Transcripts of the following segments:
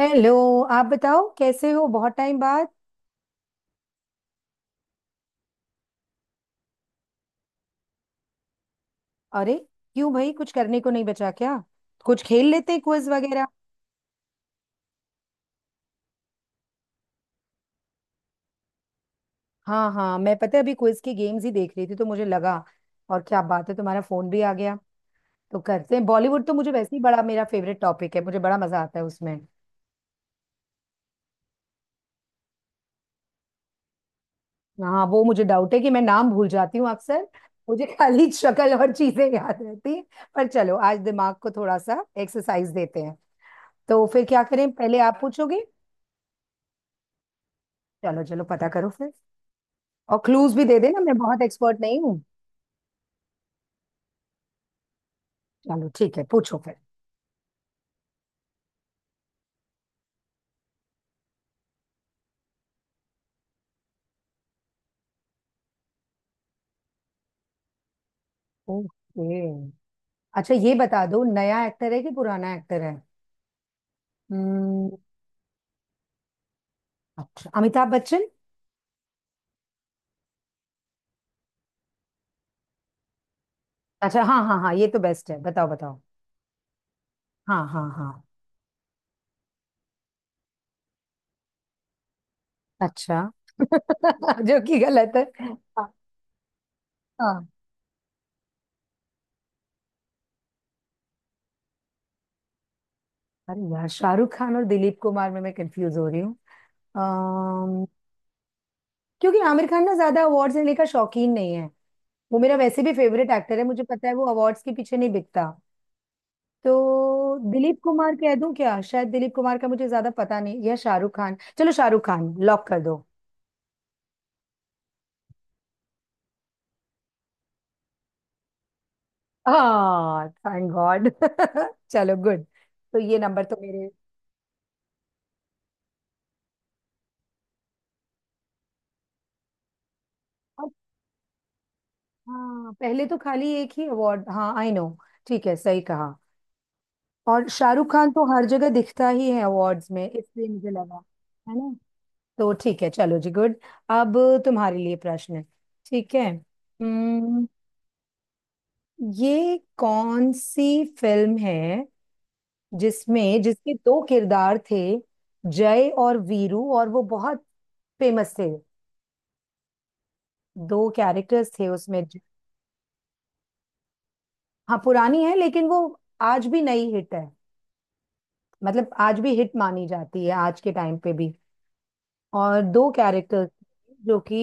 Hello. आप बताओ कैसे हो? बहुत टाइम बाद। अरे क्यों भाई? कुछ करने को नहीं बचा क्या? कुछ खेल लेते हैं, क्विज वगैरह। हाँ हाँ मैं, पता है अभी क्विज की गेम्स ही देख रही थी तो मुझे लगा, और क्या बात है, तुम्हारा फोन भी आ गया। तो करते हैं बॉलीवुड, तो मुझे वैसे ही बड़ा, मेरा फेवरेट टॉपिक है, मुझे बड़ा मजा आता है उसमें। हाँ वो मुझे डाउट है कि मैं नाम भूल जाती हूँ अक्सर। मुझे खाली शक्ल और चीजें याद रहती हैं। पर चलो आज दिमाग को थोड़ा सा एक्सरसाइज देते हैं। तो फिर क्या करें, पहले आप पूछोगे? चलो चलो पता करो फिर। और क्लूज भी दे देना, मैं बहुत एक्सपर्ट नहीं हूँ। चलो ठीक है, पूछो फिर। ओके। अच्छा ये बता दो, नया एक्टर है कि पुराना एक्टर है? हम्म, अच्छा अमिताभ बच्चन। अच्छा हाँ हाँ हाँ, ये तो बेस्ट है, बताओ बताओ। हाँ हाँ हाँ। अच्छा जो कि गलत है। हाँ। हाँ। अरे यार शाहरुख खान और दिलीप कुमार में मैं कंफ्यूज हो रही हूँ। अम्म, क्योंकि आमिर खान ना ज्यादा अवार्ड्स लेने का शौकीन नहीं है। वो मेरा वैसे भी फेवरेट एक्टर है, मुझे पता है वो अवार्ड्स के पीछे नहीं बिकता। तो दिलीप कुमार कह दूं क्या? शायद दिलीप कुमार का मुझे ज्यादा पता नहीं, या शाहरुख खान, चलो शाहरुख खान लॉक कर दो। हाँ थैंक गॉड। चलो गुड। तो ये नंबर तो मेरे, और हाँ पहले तो खाली एक ही अवार्ड, हाँ आई नो, ठीक है सही कहा। और शाहरुख खान तो हर जगह दिखता ही है अवार्ड्स में इसलिए मुझे लगा। है ना। तो ठीक है चलो जी गुड। अब तुम्हारे लिए प्रश्न है, ठीक है? हम्म, ये कौन सी फिल्म है जिसमें जिसके दो किरदार थे, जय और वीरू, और वो बहुत फेमस थे। दो कैरेक्टर्स थे उसमें हाँ पुरानी है, लेकिन वो आज भी नई हिट है, मतलब आज भी हिट मानी जाती है आज के टाइम पे भी। और दो कैरेक्टर्स जो कि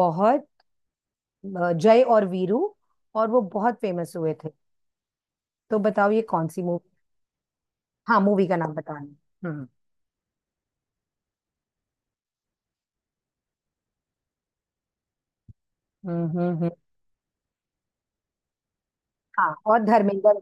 बहुत, जय और वीरू, और वो बहुत फेमस हुए थे। तो बताओ ये कौन सी मूवी? हाँ मूवी का नाम बताना। हम्म हम्म। हम्म। हाँ और धर्मेंद्र।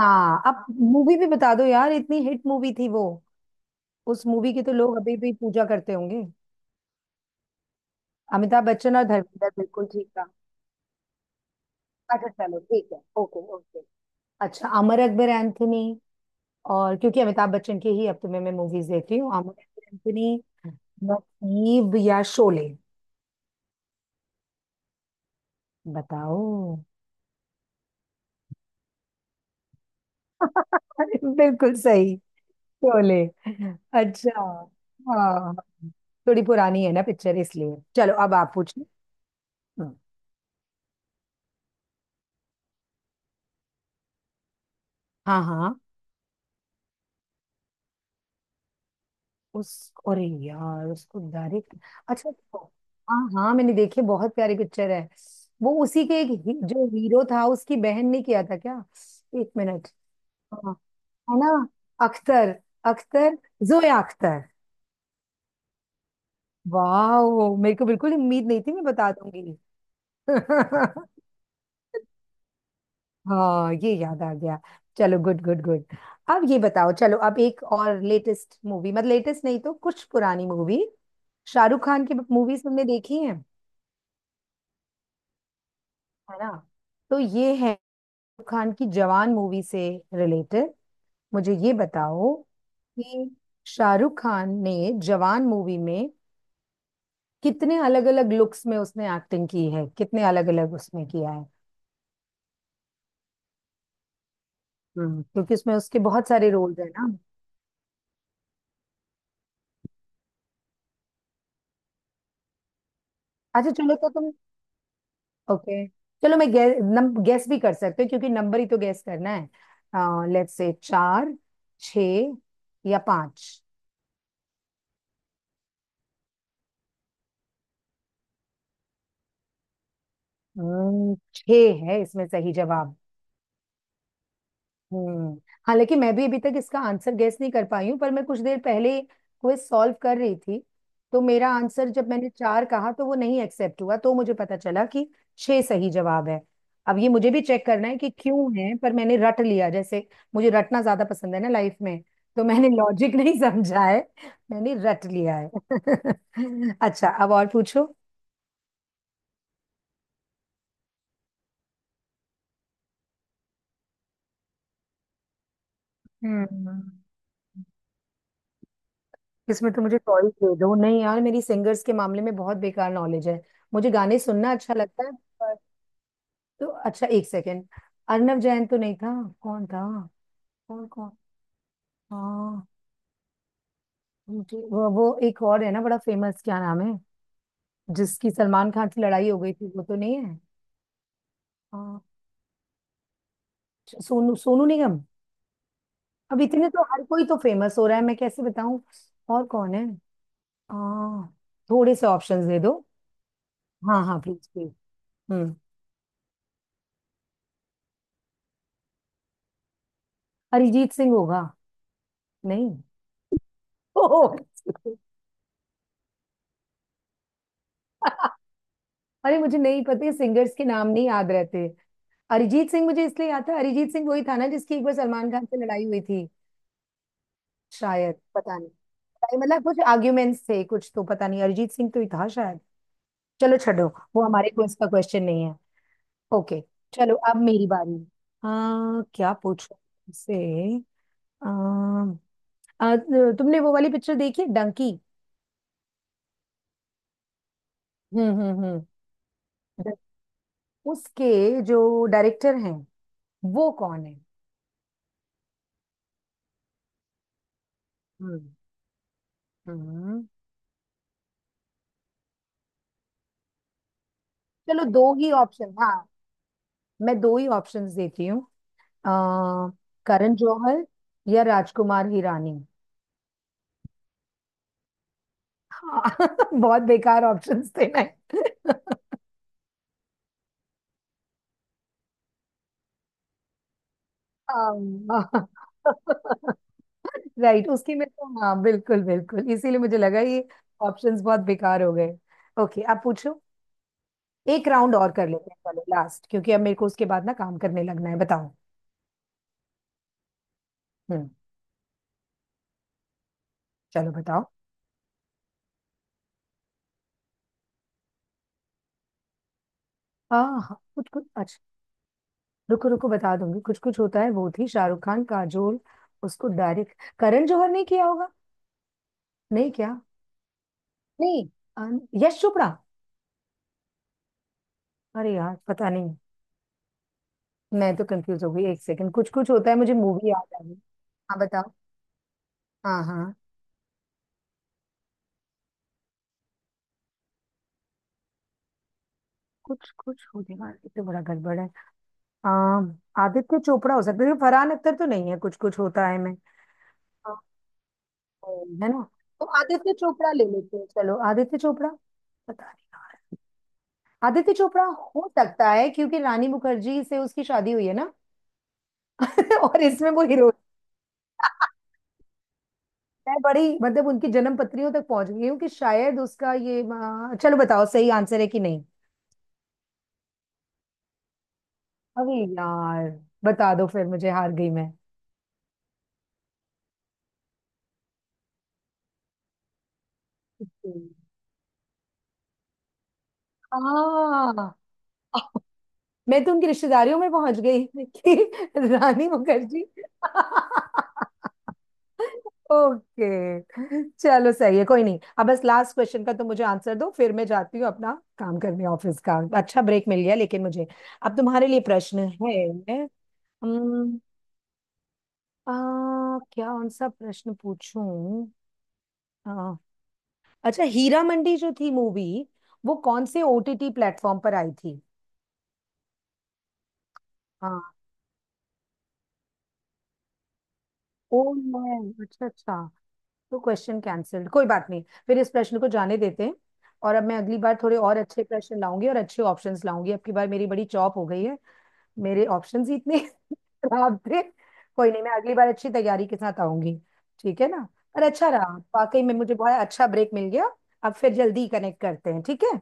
हाँ अब मूवी भी बता दो यार, इतनी हिट मूवी थी वो, उस मूवी की तो लोग अभी भी पूजा करते होंगे। अमिताभ बच्चन और धर्मेंद्र बिल्कुल ठीक था। अच्छा चलो ठीक है, ओके ओके। अच्छा अमर अकबर एंथनी, और क्योंकि अमिताभ बच्चन की ही अब तो मैं मूवीज देखती हूँ। अमर अकबर एंथनी, नसीब, या शोले? बताओ। बिल्कुल सही, शोले। अच्छा, हाँ, थोड़ी पुरानी है ना पिक्चर इसलिए। चलो अब आप पूछिए। हम्म, हाँ हाँ। उस, अरे यार उसको डायरेक्ट, अच्छा तो- हाँ हाँ मैंने देखी, बहुत प्यारी पिक्चर है वो, उसी के एक ही, जो हीरो था उसकी बहन ने किया था क्या? एक मिनट। हाँ। है ना। अख्तर, अख्तर, जोया अख्तर। वाह, मेरे को बिल्कुल उम्मीद नहीं थी मैं बता दूंगी। हाँ ये याद आ गया। चलो गुड गुड गुड। अब ये बताओ, चलो अब एक और लेटेस्ट मूवी, मतलब लेटेस्ट नहीं तो कुछ पुरानी मूवी, शाहरुख खान की मूवीज तुमने देखी है ना? तो ये है, शाहरुख खान की जवान मूवी से रिलेटेड मुझे ये बताओ, कि शाहरुख खान ने जवान मूवी में कितने अलग अलग लुक्स में उसने एक्टिंग की है, कितने अलग अलग उसमें किया है। हम्म, क्योंकि उसमें उसके बहुत सारे रोल्स है ना। अच्छा चलो तो तुम, ओके चलो, मैं गेस भी कर सकते हो, क्योंकि नंबर ही तो गेस करना है, लेट्स से चार, छ, या पांच। छ है इसमें सही जवाब। हम्म। हालांकि मैं भी अभी तक इसका आंसर गैस नहीं कर पाई हूँ, पर मैं कुछ देर पहले क्विज सॉल्व कर रही थी, तो मेरा आंसर जब मैंने चार कहा तो वो नहीं एक्सेप्ट हुआ, तो मुझे पता चला कि छह सही जवाब है। अब ये मुझे भी चेक करना है कि क्यों है, पर मैंने रट लिया, जैसे मुझे रटना ज्यादा पसंद है ना लाइफ में, तो मैंने लॉजिक नहीं समझा है, मैंने रट लिया है। अच्छा अब और पूछो। हम्म। इसमें तो मुझे चॉइस दे दो, नहीं यार मेरी सिंगर्स के मामले में बहुत बेकार नॉलेज है, मुझे गाने सुनना अच्छा लगता है पर- तो अच्छा एक सेकेंड, अर्णव जैन तो नहीं था? कौन था? कौन कौन। हाँ मुझे वो एक और है ना बड़ा फेमस, क्या नाम है, जिसकी सलमान खान से लड़ाई हो गई थी? वो तो नहीं है? हाँ, सोनू सोनू निगम? अब इतने तो हर कोई तो फेमस हो रहा है, मैं कैसे बताऊं? और कौन है? हाँ थोड़े से ऑप्शंस दे दो। हाँ हाँ प्लीज प्लीज। हम्म। अरिजीत सिंह होगा। नहीं। ओह, अरे मुझे नहीं पता, सिंगर्स के नाम नहीं याद रहते। अरिजीत सिंह मुझे इसलिए याद था, अरिजीत सिंह वही था ना जिसकी एक बार सलमान खान से लड़ाई हुई थी। शायद पता नहीं, मतलब कुछ आर्ग्यूमेंट्स थे कुछ, तो पता नहीं, अरिजीत सिंह तो ही था शायद। चलो छोड़ो, वो हमारे क्विज का क्वेश्चन नहीं है। ओके। चलो अब मेरी बारी। क्या पूछो तुमसे। आ, आ, तुमने वो वाली पिक्चर देखी है, डंकी? हम्म। उसके जो डायरेक्टर हैं वो कौन है? हम्म। हम्म। चलो दो ही ऑप्शन, हाँ मैं दो ही ऑप्शंस देती हूँ। अ, करण जौहर या राजकुमार हिरानी। हाँ बहुत बेकार ऑप्शंस थे ना। राइट उसकी में तो हाँ, बिल्कुल बिल्कुल इसीलिए मुझे लगा ये ऑप्शंस बहुत बेकार हो गए। ओके आप पूछो। एक राउंड और कर लेते हैं, चलो लास्ट, क्योंकि अब मेरे को उसके बाद ना काम करने लगना है, बताओ। हम्म। चलो बताओ। आह कुछ कुछ, अच्छा रुको रुको बता दूंगी, कुछ कुछ होता है, वो थी शाहरुख खान काजोल, उसको डायरेक्ट करण जौहर नहीं किया होगा? नहीं क्या? नहीं, यश चोपड़ा? अरे यार पता नहीं, मैं तो कंफ्यूज हो गई, एक सेकंड, कुछ कुछ होता है, मुझे मूवी याद आ गई। हाँ बताओ, हाँ हाँ। कुछ कुछ होने वाला, ये तो बड़ा गड़बड़ है। आदित्य चोपड़ा हो सकता है लेकिन फरहान अख्तर तो नहीं है कुछ कुछ होता है मैं, है ना? तो आदित्य चोपड़ा ले लेते हैं, चलो आदित्य चोपड़ा, पता नहीं, आदित्य चोपड़ा हो सकता है क्योंकि रानी मुखर्जी से उसकी शादी हुई है ना। और इसमें वो हीरो। मैं बड़ी, मतलब उनकी जन्म पत्रियों तक पहुंच गई हूँ कि शायद उसका ये, चलो बताओ सही आंसर है कि नहीं। अरे यार बता दो फिर, मुझे हार गई मैं। हाँ। मैं तो उनकी रिश्तेदारियों में पहुंच गई, कि रानी मुखर्जी। ओके, चलो सही है कोई नहीं, अब बस लास्ट क्वेश्चन का तो मुझे आंसर दो फिर मैं जाती हूँ अपना काम करने, ऑफिस का अच्छा ब्रेक मिल गया लेकिन मुझे। अब तुम्हारे लिए प्रश्न है। हम्म, आ, क्या कौन सा प्रश्न पूछूं? आ, अच्छा हीरा मंडी जो थी मूवी, वो कौन से ओटीटी प्लेटफॉर्म पर आई थी? हाँ। ओ मैं, अच्छा अच्छा, तो क्वेश्चन कैंसिल्ड, कोई बात नहीं, फिर इस प्रश्न को जाने देते हैं। और अब मैं अगली बार थोड़े और अच्छे प्रश्न लाऊंगी, और अच्छे ऑप्शंस लाऊंगी, अब की बार मेरी बड़ी चॉप हो गई है, मेरे ऑप्शंस ही इतने खराब थे। कोई नहीं, मैं अगली बार अच्छी तैयारी के साथ आऊंगी, ठीक है ना? पर अच्छा रहा वाकई में, मुझे बहुत अच्छा ब्रेक मिल गया। अब फिर जल्दी कनेक्ट करते हैं, ठीक है।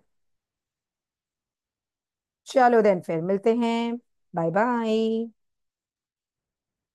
चलो देन फिर मिलते हैं। Bye bye.